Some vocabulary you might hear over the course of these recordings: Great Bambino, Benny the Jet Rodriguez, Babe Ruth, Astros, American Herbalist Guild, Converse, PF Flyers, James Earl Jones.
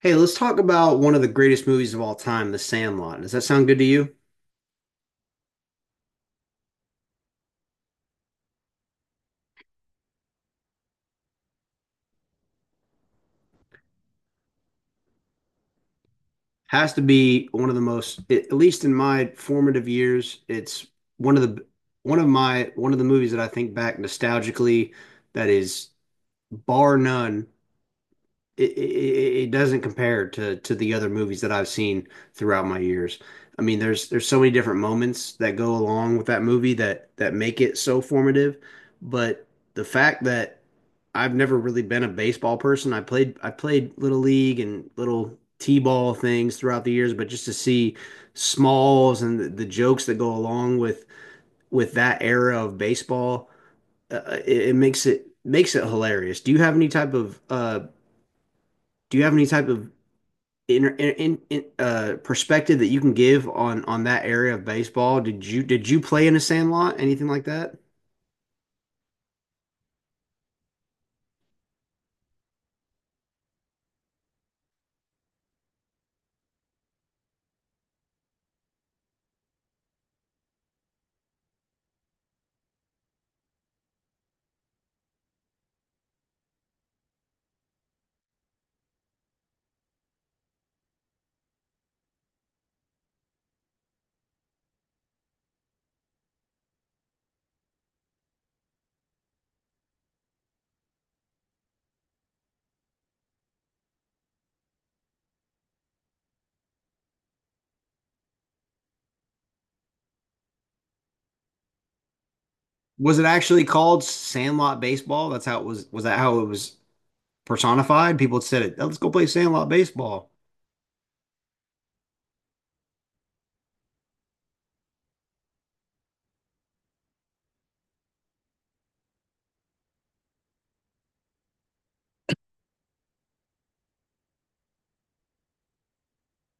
Hey, let's talk about one of the greatest movies of all time, The Sandlot. Does that sound good to you? Has to be one of the most, at least in my formative years, it's one of the one of my one of the movies that I think back nostalgically that is bar none it doesn't compare to the other movies that I've seen throughout my years. I mean, there's so many different moments that go along with that movie that make it so formative, but the fact that I've never really been a baseball person. I played little league and little t-ball things throughout the years, but just to see smalls and the jokes that go along with that era of baseball, it makes it hilarious. Do you have any type of perspective that you can give on that area of baseball? Did you play in a sandlot? Anything like that? Was it actually called sandlot baseball? That's how it was. Was that how it was personified? People said it. Oh, let's go play sandlot baseball.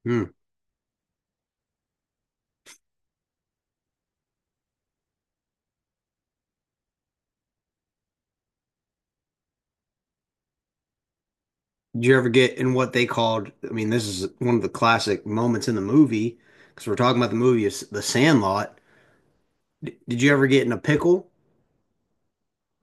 Hmm. Did you ever get in what they called? I mean, this is one of the classic moments in the movie because we're talking about the movie, is the Sandlot. Did you ever get in a pickle?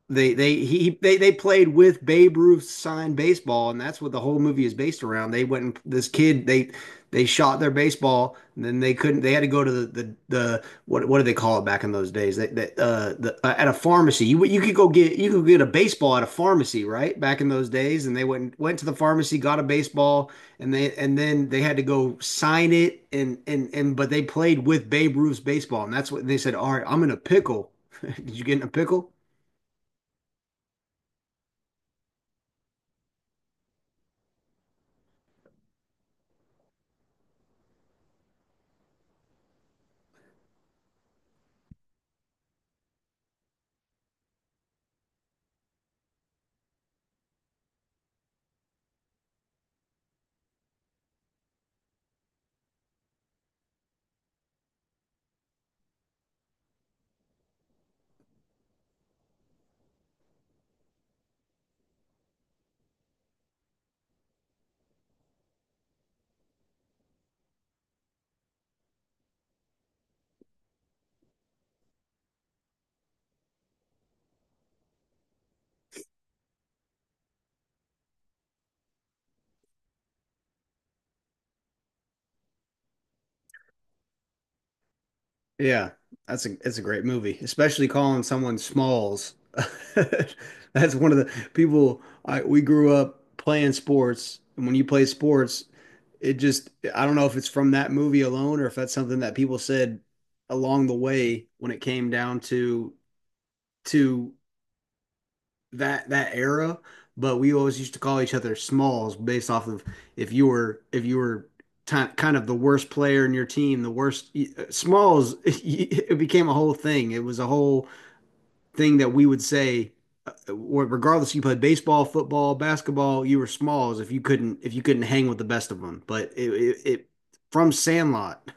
They he they played with Babe Ruth signed baseball, and that's what the whole movie is based around. They went and this kid they shot their baseball, and then they couldn't. They had to go to the what do they call it back in those days? At a pharmacy you could go get you could get a baseball at a pharmacy right back in those days, and they went to the pharmacy, got a baseball, and they and then they had to go sign it, and but they played with Babe Ruth's baseball, and that's what and they said, "All right, I'm in a pickle." Did you get in a pickle? Yeah, that's a it's a great movie, especially calling someone Smalls. That's one of the people I we grew up playing sports, and when you play sports, it just I don't know if it's from that movie alone or if that's something that people said along the way when it came down to to that era, but we always used to call each other smalls based off of if you were kind of the worst player in your team, the worst smalls. It became a whole thing. It was a whole thing that we would say, regardless if you played baseball, football, basketball, you were smalls if you couldn't hang with the best of them. But it from Sandlot.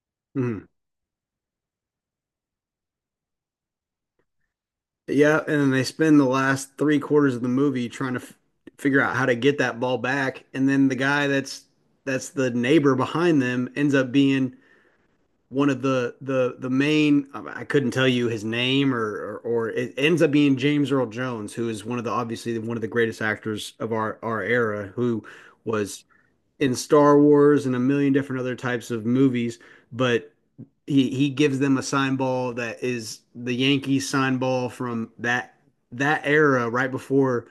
Mhm. Yeah, and then they spend the last three-quarters of the movie trying to f figure out how to get that ball back, and then the guy that's the neighbor behind them ends up being one of the main. I couldn't tell you his name, or it ends up being James Earl Jones, who is one of the obviously one of the greatest actors of our era, who was in Star Wars and a million different other types of movies, but he gives them a sign ball that is the Yankees sign ball from that era right before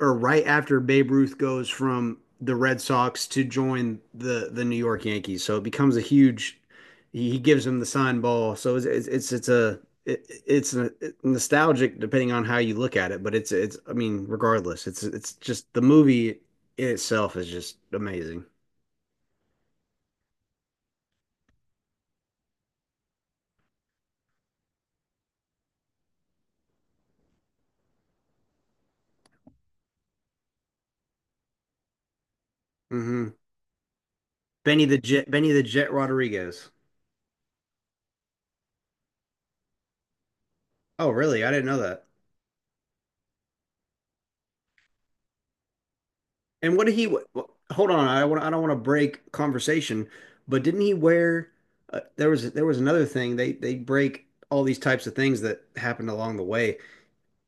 or right after Babe Ruth goes from the Red Sox to join the New York Yankees. So it becomes a huge he gives him the sign ball. So it's a it, it's a, nostalgic depending on how you look at it, but it's I mean regardless, it's just the movie in itself is just amazing. Hmm. Benny the Jet Rodriguez. Oh, really? I didn't know that. And what did he? Hold on, I want. I don't want to break conversation, but didn't he wear? There was another thing. They break all these types of things that happened along the way.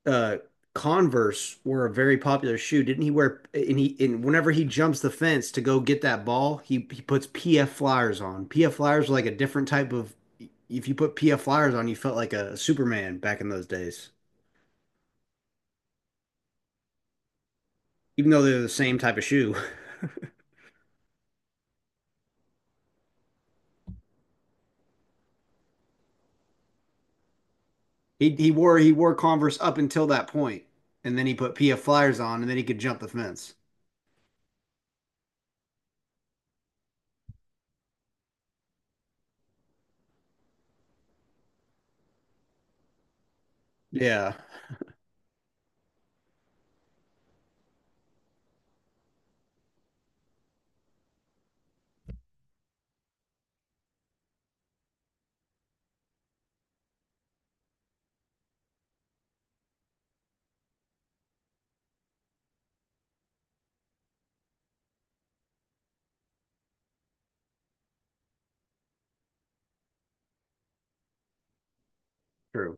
Uh, Converse were a very popular shoe. Didn't he wear? And he and whenever he jumps the fence to go get that ball, he puts PF Flyers on. PF Flyers were like a different type of. If you put PF Flyers on, you felt like a Superman back in those days. Even though they're the same type of shoe. He wore Converse up until that point, and then he put PF Flyers on, and then he could jump the fence. Yeah, true.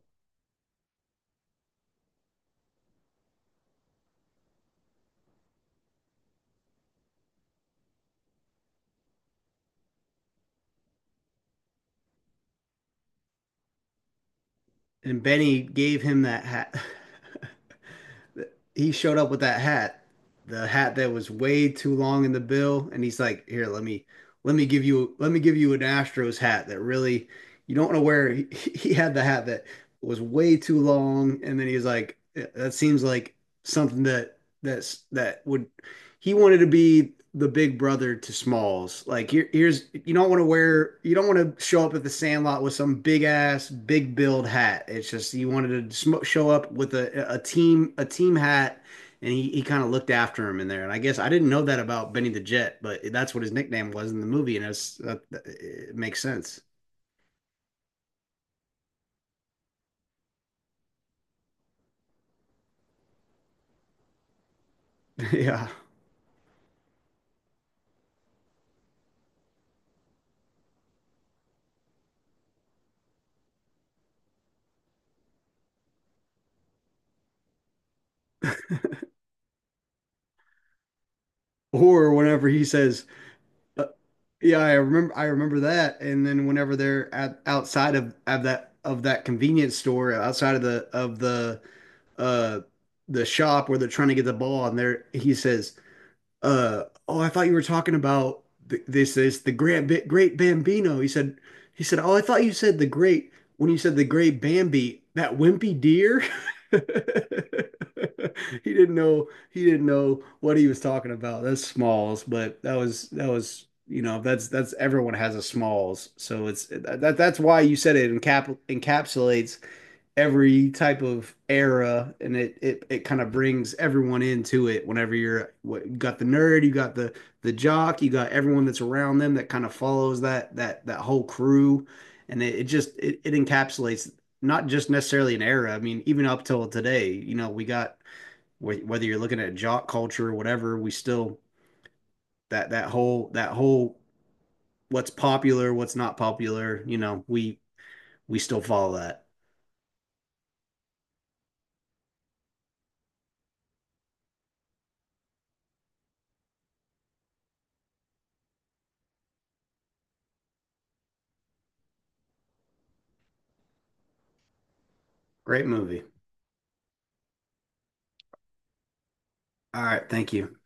And Benny gave him that hat. He showed up with that hat, the hat that was way too long in the bill, and he's like, "Here, let me give you an Astros hat that really you don't want to wear." He had the hat that was way too long, and then he was like, "That seems like something that." That's that would he wanted to be the big brother to Smalls. Like here, here's you don't want to wear you don't want to show up at the Sandlot with some big ass big build hat. It's just he wanted to show up with a team hat, and he kind of looked after him in there. And I guess I didn't know that about Benny the Jet, but that's what his nickname was in the movie, and it's, it makes sense. Yeah. Or whenever he says, Uh, yeah, I remember that. And then whenever they're at outside of that convenience store, outside of uh the shop where they're trying to get the ball and there he says, oh, I thought you were talking about th this is the Grand Bi Great Bambino. He said, oh, I thought you said the great when you said the Great Bambi, that wimpy deer. He didn't know what he was talking about. That's Smalls, but that was you know that's everyone has a Smalls, so it's that's why you said it encapsulates every type of era, and it kind of brings everyone into it whenever you're what you got the nerd, you got the jock, you got everyone that's around them that kind of follows that whole crew, and it encapsulates not just necessarily an era. I mean, even up till today, you know, we got whether you're looking at jock culture or whatever. We still that whole what's popular, what's not popular. You know, we still follow that. Great movie. All right, thank you.